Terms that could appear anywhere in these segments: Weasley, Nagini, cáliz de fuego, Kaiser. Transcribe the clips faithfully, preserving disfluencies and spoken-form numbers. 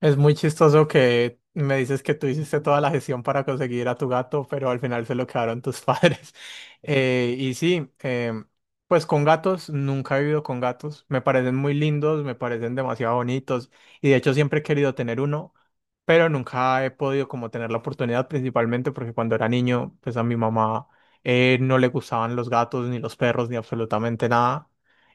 Es muy chistoso que me dices que tú hiciste toda la gestión para conseguir a tu gato, pero al final se lo quedaron tus padres. Eh, y sí, em, pues con gatos, nunca he vivido con gatos. Me parecen muy lindos, me parecen demasiado bonitos, y de hecho siempre he querido tener uno, pero nunca he podido como tener la oportunidad, principalmente porque cuando era niño, pues a mi mamá eh, no le gustaban los gatos, ni los perros, ni absolutamente nada.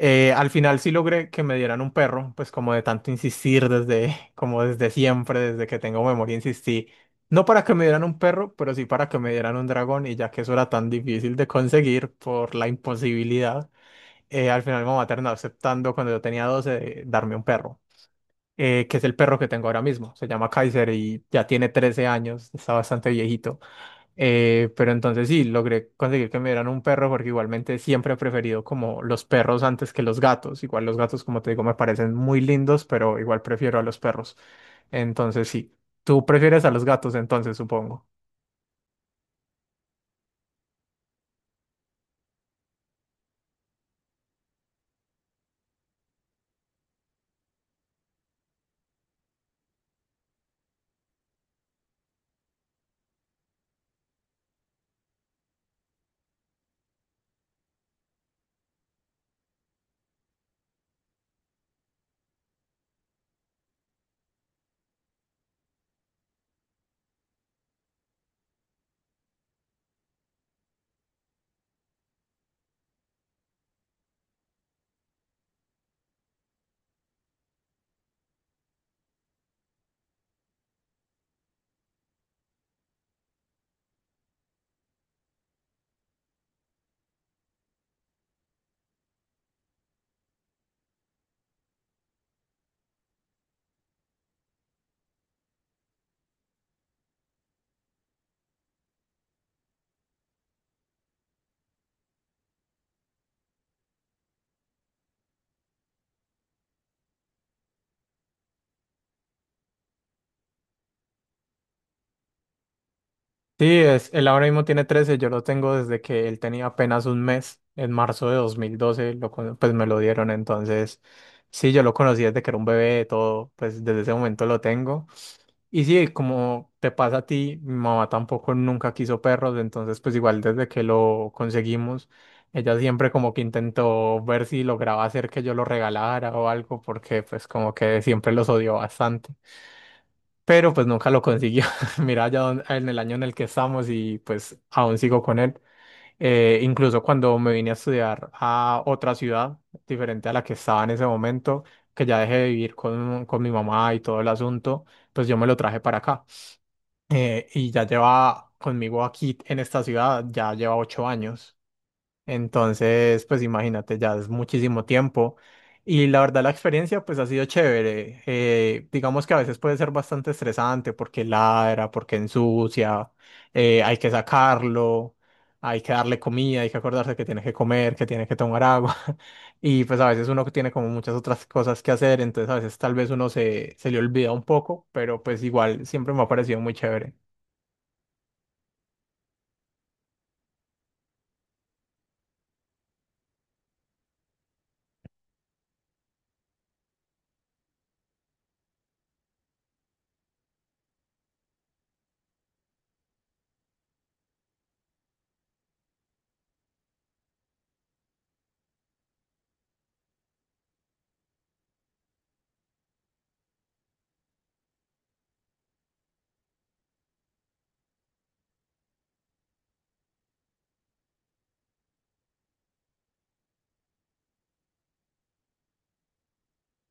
Eh, al final sí logré que me dieran un perro, pues como de tanto insistir desde, como desde siempre, desde que tengo memoria, insistí. No para que me dieran un perro, pero sí para que me dieran un dragón, y ya que eso era tan difícil de conseguir por la imposibilidad, eh, al final mi mamá terminó aceptando cuando yo tenía doce de darme un perro, eh, que es el perro que tengo ahora mismo. Se llama Kaiser y ya tiene trece años, está bastante viejito. Eh, pero entonces sí, logré conseguir que me dieran un perro porque igualmente siempre he preferido como los perros antes que los gatos. Igual los gatos, como te digo, me parecen muy lindos, pero igual prefiero a los perros. Entonces sí, tú prefieres a los gatos entonces, supongo. Sí, es, él ahora mismo tiene trece, yo lo tengo desde que él tenía apenas un mes, en marzo de dos mil doce, lo, con- pues me lo dieron, entonces sí, yo lo conocí desde que era un bebé, todo, pues desde ese momento lo tengo. Y sí, como te pasa a ti, mi mamá tampoco nunca quiso perros, entonces pues igual desde que lo conseguimos, ella siempre como que intentó ver si lograba hacer que yo lo regalara o algo, porque pues como que siempre los odió bastante, pero pues nunca lo consiguió. Mira, ya don- en el año en el que estamos y pues aún sigo con él. Eh, incluso cuando me vine a estudiar a otra ciudad diferente a la que estaba en ese momento, que ya dejé de vivir con, con mi mamá y todo el asunto, pues yo me lo traje para acá, eh, y ya lleva conmigo aquí en esta ciudad, ya lleva ocho años. Entonces, pues imagínate, ya es muchísimo tiempo. Y la verdad, la experiencia pues ha sido chévere. Eh, digamos que a veces puede ser bastante estresante porque ladra, porque ensucia, eh, hay que sacarlo, hay que darle comida, hay que acordarse que tiene que comer, que tiene que tomar agua. Y pues a veces uno tiene como muchas otras cosas que hacer, entonces a veces tal vez uno se, se le olvida un poco, pero pues igual siempre me ha parecido muy chévere.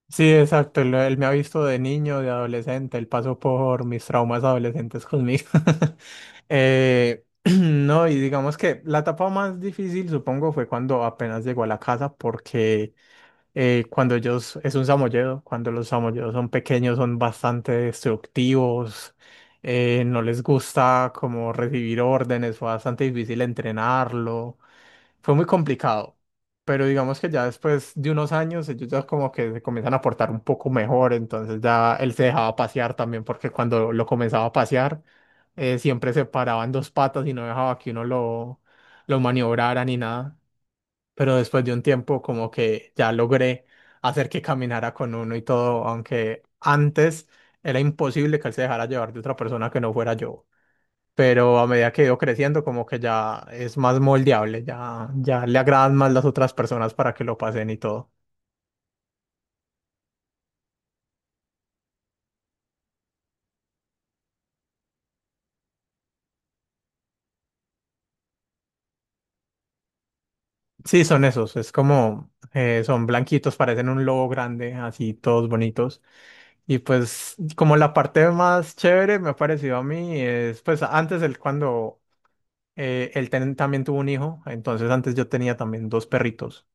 Sí, exacto. Él, él me ha visto de niño, de adolescente. Él pasó por mis traumas adolescentes conmigo. Eh, no, y digamos que la etapa más difícil, supongo, fue cuando apenas llegó a la casa, porque eh, cuando ellos, es un samoyedo, cuando los samoyedos son pequeños, son bastante destructivos, eh, no les gusta como recibir órdenes, fue bastante difícil entrenarlo, fue muy complicado, pero digamos que ya después de unos años ellos ya como que se comienzan a portar un poco mejor, entonces ya él se dejaba pasear también porque cuando lo comenzaba a pasear, eh, siempre se paraba en dos patas y no dejaba que uno lo, lo maniobrara ni nada, pero después de un tiempo como que ya logré hacer que caminara con uno y todo, aunque antes era imposible que él se dejara llevar de otra persona que no fuera yo, pero a medida que he ido creciendo, como que ya es más moldeable, ya, ya le agradan más las otras personas para que lo pasen y todo. Sí, son esos, es como, eh, son blanquitos, parecen un lobo grande, así todos bonitos. Y pues como la parte más chévere me ha parecido a mí es, pues antes él cuando, eh, él ten- también tuvo un hijo, entonces antes yo tenía también dos perritos.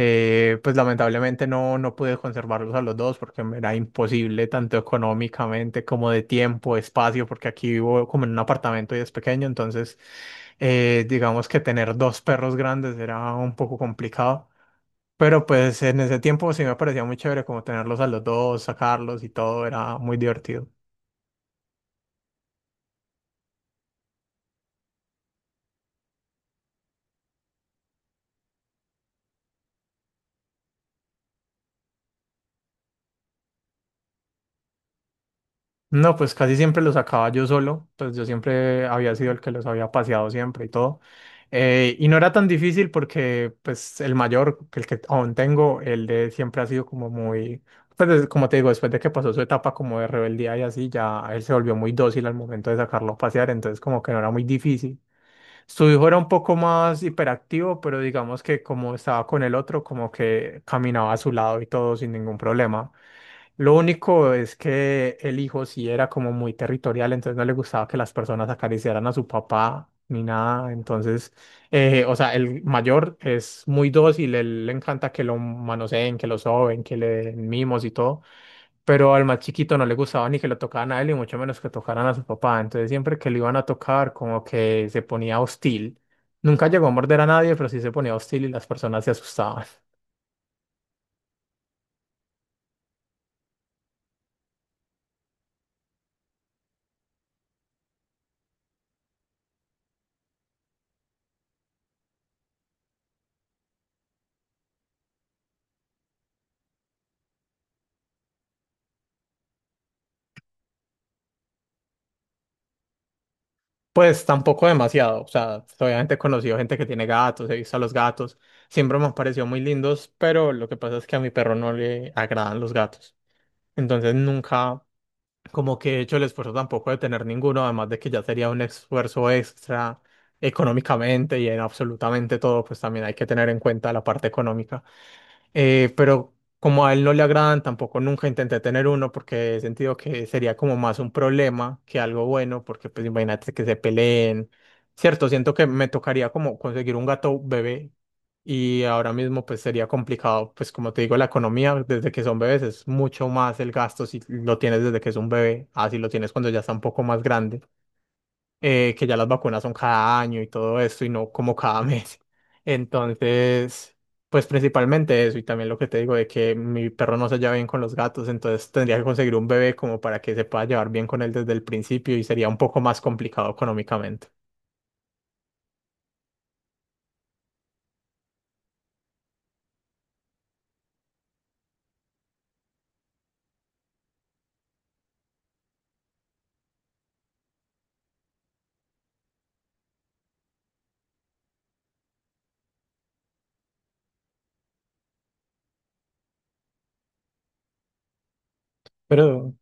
Eh, pues lamentablemente no, no pude conservarlos a los dos porque me era imposible tanto económicamente como de tiempo, espacio, porque aquí vivo como en un apartamento y es pequeño, entonces eh, digamos que tener dos perros grandes era un poco complicado, pero pues en ese tiempo sí me parecía muy chévere como tenerlos a los dos, sacarlos y todo, era muy divertido. No, pues casi siempre los sacaba yo solo, pues yo siempre había sido el que los había paseado siempre y todo. Eh, y no era tan difícil porque pues el mayor, que el que aún tengo, el de siempre ha sido como muy, pues des- como te digo, después de que pasó su etapa como de rebeldía y así, ya él se volvió muy dócil al momento de sacarlo a pasear, entonces como que no era muy difícil. Su hijo era un poco más hiperactivo, pero digamos que como estaba con el otro, como que caminaba a su lado y todo sin ningún problema. Lo único es que el hijo sí era como muy territorial, entonces no le gustaba que las personas acariciaran a su papá ni nada. Entonces, eh, o sea, el mayor es muy dócil, él le encanta que lo manoseen, que lo soben, que le den mimos y todo. Pero al más chiquito no le gustaba ni que lo tocaran a él y mucho menos que tocaran a su papá. Entonces, siempre que lo iban a tocar, como que se ponía hostil. Nunca llegó a morder a nadie, pero sí se ponía hostil y las personas se asustaban. Pues tampoco demasiado, o sea, obviamente he conocido gente que tiene gatos, he visto a los gatos, siempre me han parecido muy lindos, pero lo que pasa es que a mi perro no le agradan los gatos, entonces nunca como que he hecho el esfuerzo tampoco de tener ninguno, además de que ya sería un esfuerzo extra económicamente y en absolutamente todo, pues también hay que tener en cuenta la parte económica. Eh, pero como a él no le agradan, tampoco nunca intenté tener uno porque he sentido que sería como más un problema que algo bueno, porque pues imagínate que se peleen. Cierto, siento que me tocaría como conseguir un gato bebé, y ahora mismo pues sería complicado, pues como te digo, la economía desde que son bebés es mucho más el gasto si lo tienes desde que es un bebé, así lo tienes cuando ya está un poco más grande, eh, que ya las vacunas son cada año y todo esto y no como cada mes. Entonces, pues principalmente eso y también lo que te digo de que mi perro no se lleva bien con los gatos, entonces tendría que conseguir un bebé como para que se pueda llevar bien con él desde el principio y sería un poco más complicado económicamente. Pero,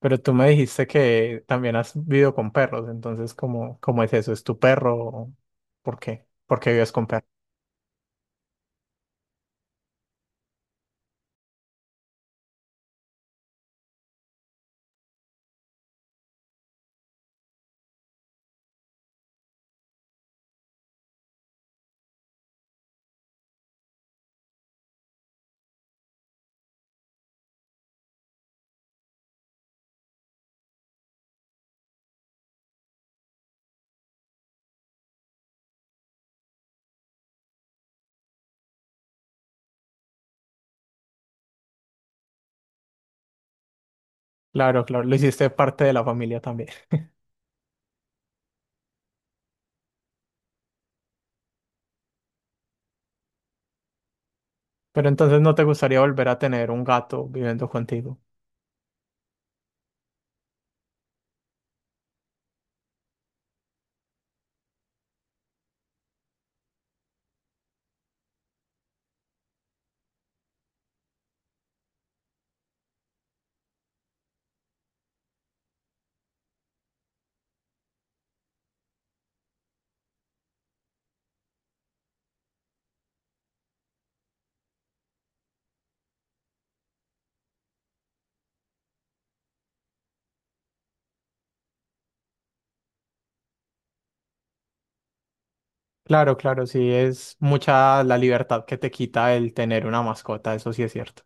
pero tú me dijiste que también has vivido con perros, entonces ¿cómo, cómo es eso? ¿Es tu perro? ¿Por qué? ¿Por qué vives con perros? Claro, claro, lo hiciste parte de la familia también. Pero entonces no te gustaría volver a tener un gato viviendo contigo. Claro, claro, sí, es mucha la libertad que te quita el tener una mascota, eso sí es cierto.